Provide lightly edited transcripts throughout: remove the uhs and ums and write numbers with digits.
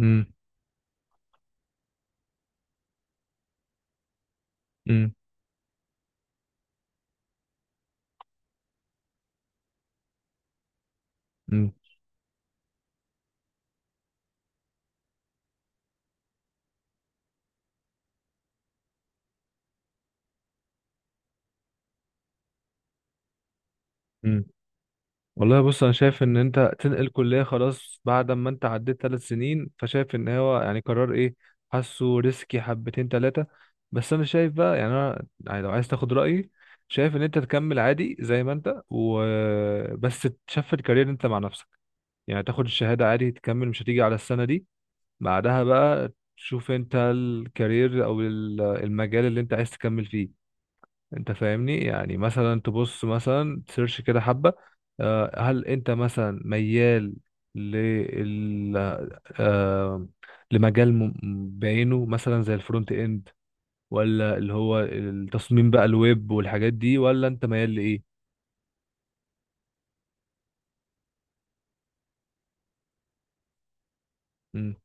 امم امم امم امم والله، بص، انا شايف ان انت تنقل كليه خلاص بعد ما انت عديت ثلاث سنين، فشايف ان هو يعني قرار ايه. حاسه ريسكي حبتين ثلاثه. بس انا شايف بقى، يعني انا يعني لو عايز تاخد رايي، شايف ان انت تكمل عادي زي ما انت وبس. تشفت كارير انت مع نفسك، يعني تاخد الشهاده عادي، تكمل، مش هتيجي على السنه دي. بعدها بقى تشوف انت الكارير او المجال اللي انت عايز تكمل فيه. انت فاهمني؟ يعني مثلا تبص، مثلا تسيرش كده حبة. هل انت مثلا ميال لل آه، لمجال بعينه، مثلا زي الفرونت اند، ولا اللي هو التصميم بقى، الويب والحاجات دي، ولا انت ميال لايه؟ امم.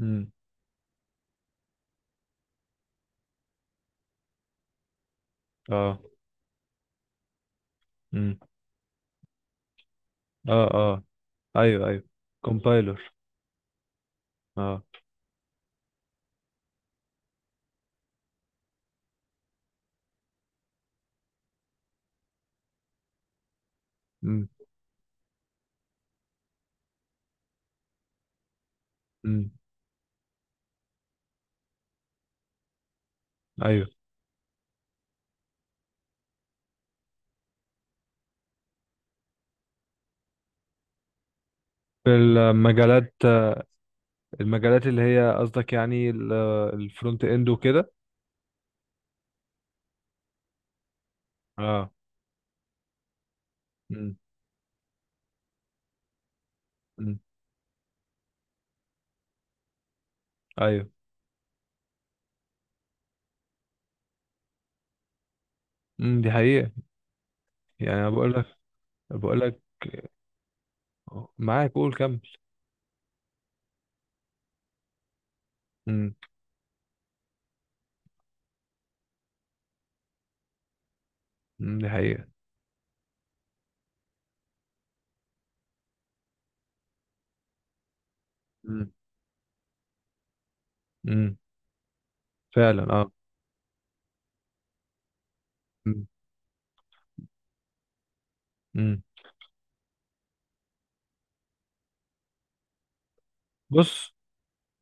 امم. اه. امم. اه. اه. ايوه. ايوه. كومبايلر. اه. امم. امم. ايوه. في المجالات، المجالات اللي هي قصدك يعني، الفرونت اند وكده. اه. امم. ايوه. امم، دي حقيقة. يعني انا بقول لك، بقول لك. معاك، قول كمل. امم. أمم، دي حقيقة. امم. أمم، فعلا اه. امم. أمم. بص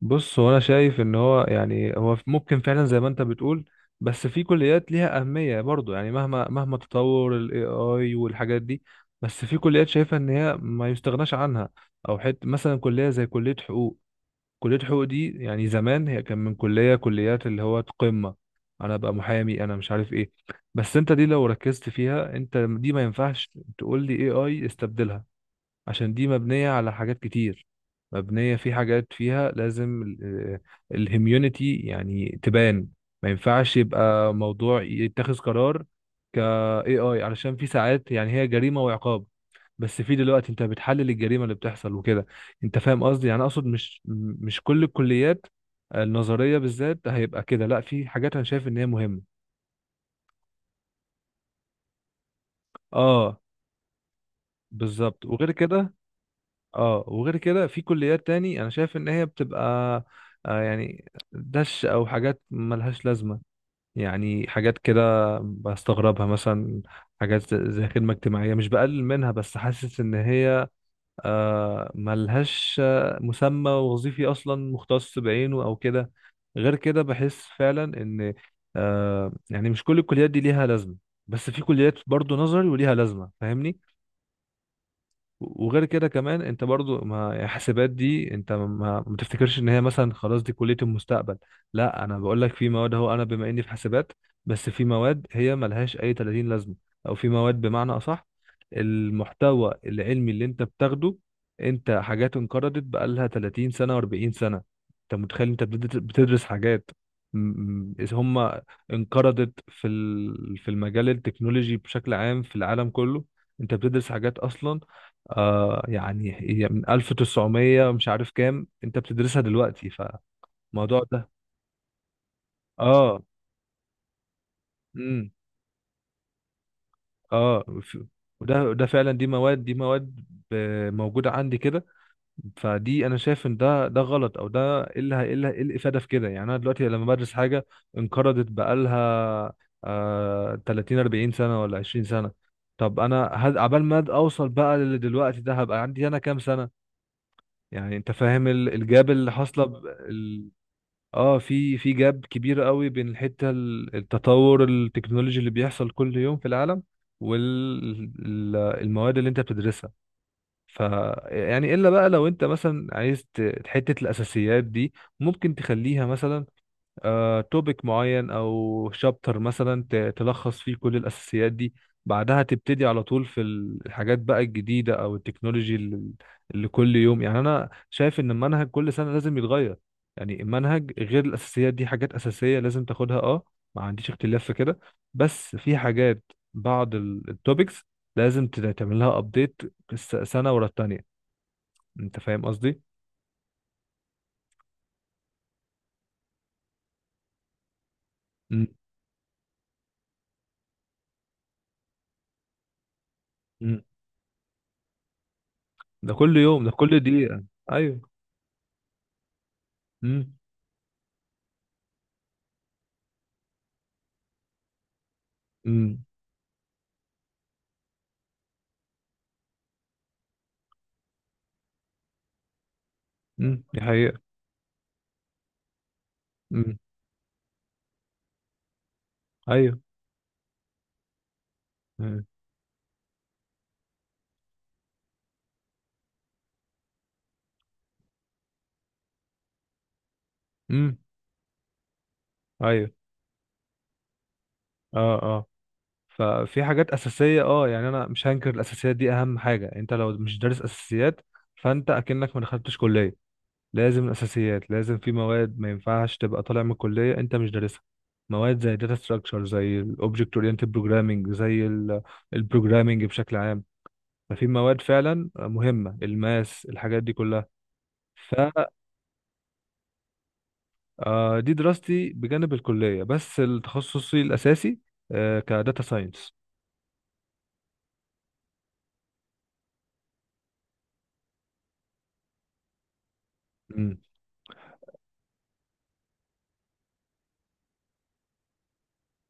بص, هو انا شايف ان هو يعني هو ممكن فعلا زي ما انت بتقول، بس في كليات ليها اهمية برضو، يعني مهما مهما تطور الاي اي والحاجات دي، بس في كليات شايفة ان هي ما يستغناش عنها، او حت مثلا كلية زي كلية حقوق. كلية حقوق دي، يعني زمان هي كان من كلية كليات اللي هو قمة. أنا أبقى محامي، أنا مش عارف إيه. بس أنت دي، لو ركزت فيها أنت، دي ما ينفعش تقول لي AI استبدلها، عشان دي مبنية على حاجات كتير، مبنية في حاجات فيها لازم الهيميونيتي يعني تبان. ما ينفعش يبقى موضوع يتخذ قرار ك AI، علشان في ساعات يعني هي جريمة وعقاب، بس في دلوقتي انت بتحلل الجريمة اللي بتحصل وكده. انت فاهم قصدي؟ يعني اقصد مش كل الكليات النظرية بالذات هيبقى كده، لا، في حاجات انا شايف ان هي مهمة. اه، بالظبط. وغير كده اه، وغير كده في كليات تاني انا شايف ان هي بتبقى آه يعني دش او حاجات ملهاش لازمه. يعني حاجات كده بستغربها، مثلا حاجات زي خدمه اجتماعيه. مش بقلل منها، بس حاسس ان هي ملهاش مسمى وظيفي اصلا مختص بعينه او كده. غير كده بحس فعلا ان مش كل الكليات دي ليها لازمه، بس في كليات برضو نظري وليها لازمه، فاهمني؟ وغير كده كمان، انت برضو ما يعني، حسابات دي انت ما تفتكرش ان هي مثلا خلاص دي كلية المستقبل. لا، انا بقول لك في مواد، اهو انا بما اني في حسابات، بس في مواد هي ملهاش اي 30 لازمة، او في مواد بمعنى اصح، المحتوى العلمي اللي انت بتاخده، انت حاجات انقرضت بقالها 30 سنة و40 سنة. انت متخيل انت بتدرس بتدرس حاجات م- هم انقرضت في في المجال التكنولوجي بشكل عام في العالم كله. انت بتدرس حاجات اصلا هي من 1900 مش عارف كام، انت بتدرسها دلوقتي. فالموضوع ده اه، امم، اه، وده ده فعلا، دي مواد، دي مواد موجودة عندي كده. فدي انا شايف ان ده غلط، او ده ايه إيه الافادة في كده؟ يعني انا دلوقتي لما بدرس حاجة انقرضت بقالها 30 40 سنة ولا 20 سنة، طب انا عبال ما اوصل بقى للي دلوقتي ده، هبقى عندي انا كام سنة؟ يعني انت فاهم الجاب اللي حاصله. اه، في في جاب كبير قوي بين الحته، التطور التكنولوجي اللي بيحصل كل يوم في العالم والمواد اللي انت بتدرسها. ف يعني الا بقى، لو انت مثلا عايز حته الاساسيات دي ممكن تخليها مثلا توبيك معين او شابتر مثلا، تلخص فيه كل الاساسيات دي، بعدها تبتدي على طول في الحاجات بقى الجديده او التكنولوجي اللي اللي كل يوم. يعني انا شايف ان المنهج كل سنه لازم يتغير. يعني المنهج غير الاساسيات دي، حاجات اساسيه لازم تاخدها اه، ما عنديش اختلاف في كده، بس في حاجات، بعض التوبكس، لازم تعملها ابديت سنه ورا التانيه. انت فاهم قصدي؟ م- م. ده كل يوم، ده كل دقيقه. ايوه. م- م. امم، دي حقيقة. امم. ايوه. آه. امم. ايوه. اه. اه. ففي حاجات اساسية اه، يعني انا مش هنكر الاساسيات دي، اهم حاجة. انت لو مش دارس اساسيات، فانت اكنك ما دخلتش كلية. لازم الاساسيات، لازم في مواد ما ينفعش تبقى طالع من الكلية انت مش دارسها. مواد زي داتا ستراكشر، زي الاوبجكت اورينتد بروجرامنج، زي البروجرامنج بشكل عام. ففي مواد فعلا مهمة، الماس الحاجات دي كلها. دي دراستي بجانب الكلية، بس التخصصي الأساسي كداتا ساينس. امم.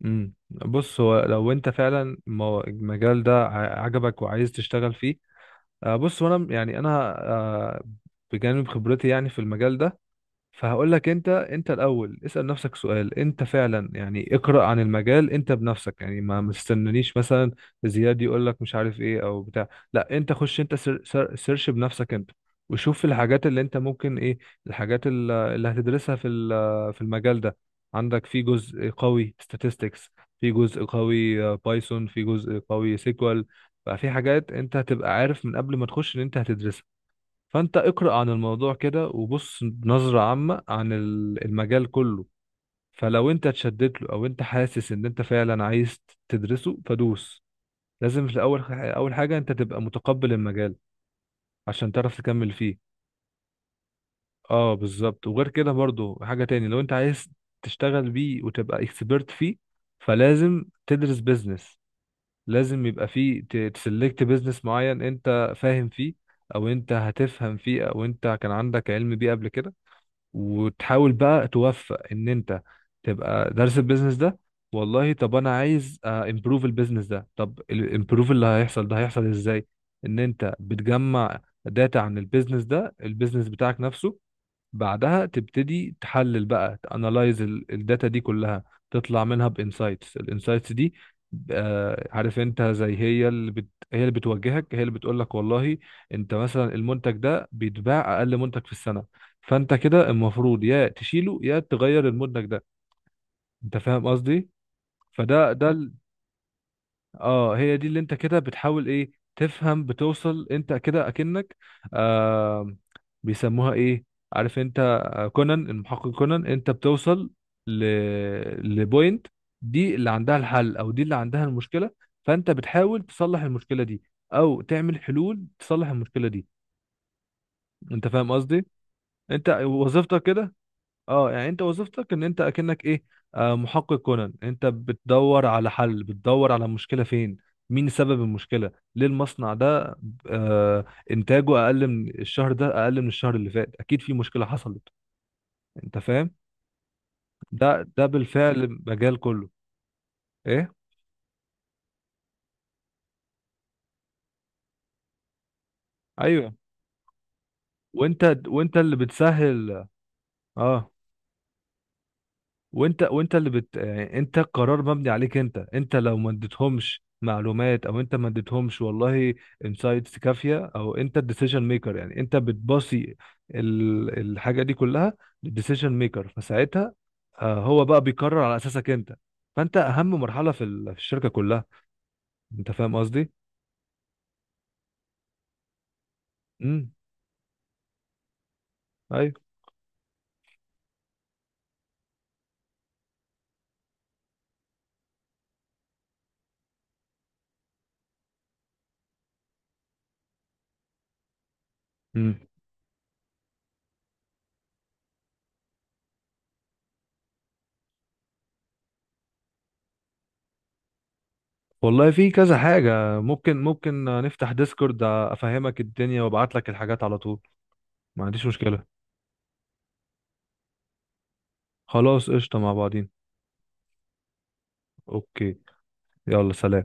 امم، بص، هو لو انت فعلا المجال ده عجبك وعايز تشتغل فيه، بص، وانا يعني انا بجانب خبرتي يعني في المجال ده، فهقول لك، انت انت الاول اسال نفسك سؤال، انت فعلا يعني اقرا عن المجال انت بنفسك، يعني ما تستنانيش مثلا زياد يقول لك مش عارف ايه او بتاع. لا، انت خش انت، سر سر سيرش بنفسك انت، وشوف الحاجات اللي انت ممكن ايه، الحاجات اللي هتدرسها في في المجال ده. عندك في جزء قوي statistics، في جزء قوي بايثون، في جزء قوي سيكوال بقى. في حاجات انت هتبقى عارف من قبل ما تخش ان انت هتدرسها. فانت اقرأ عن الموضوع كده، وبص نظرة عامة عن المجال كله. فلو انت اتشدت له، او انت حاسس ان انت فعلا عايز تدرسه، فدوس. لازم في الاول، اول حاجة انت تبقى متقبل المجال، عشان تعرف تكمل فيه. اه، بالظبط. وغير كده برضو، حاجة تاني، لو انت عايز تشتغل بيه وتبقى اكسبرت فيه، فلازم تدرس بيزنس. لازم يبقى فيه تسلكت بيزنس معين انت فاهم فيه، او انت هتفهم فيه، او انت كان عندك علم بيه قبل كده. وتحاول بقى توفق ان انت تبقى دارس البيزنس ده. والله، طب انا عايز امبروف البيزنس ده، طب الامبروف اللي هيحصل ده هيحصل ازاي؟ ان انت بتجمع داتا عن البيزنس ده، البيزنس بتاعك نفسه، بعدها تبتدي تحلل بقى، تانلايز الداتا دي كلها، تطلع منها بانسايتس. الانسايتس دي عارف انت، زي هي هي اللي بتوجهك، هي اللي بتقول لك، والله انت مثلا المنتج ده بيتباع اقل منتج في السنة، فانت كده المفروض يا تشيله يا تغير المنتج ده. انت فاهم قصدي؟ فده ده. اه، هي دي اللي انت كده بتحاول ايه تفهم، بتوصل انت كده اكنك آه بيسموها ايه؟ عارف انت كونان، المحقق كونان، انت بتوصل ل لبوينت، دي اللي عندها الحل او دي اللي عندها المشكلة، فانت بتحاول تصلح المشكلة دي او تعمل حلول تصلح المشكلة دي. انت فاهم قصدي؟ انت وظيفتك كده. اه، يعني انت وظيفتك ان انت اكنك ايه، محقق كونان. انت بتدور على حل، بتدور على المشكله فين، مين سبب المشكله، ليه المصنع ده آه انتاجه اقل من الشهر ده، اقل من الشهر اللي فات، اكيد في مشكله حصلت. انت فاهم؟ ده ده بالفعل مجال كله ايه. ايوه، وانت اللي بتسهل. اه، وانت اللي يعني انت القرار مبني عليك انت. انت لو ما اديتهمش معلومات، او انت ما اديتهمش والله انسايتس كافيه، او انت الديسيجن ميكر يعني، انت بتباصي الحاجه دي كلها للديسيجن ميكر، فساعتها هو بقى بيقرر على اساسك انت. فانت اهم مرحله في في الشركه كلها. انت فاهم قصدي؟ امم. ايوه. امم، والله في كذا حاجه، ممكن نفتح ديسكورد افهمك الدنيا وابعت لك الحاجات على طول، ما عنديش مشكله. خلاص، قشطه، مع بعضين. اوكي، يلا سلام.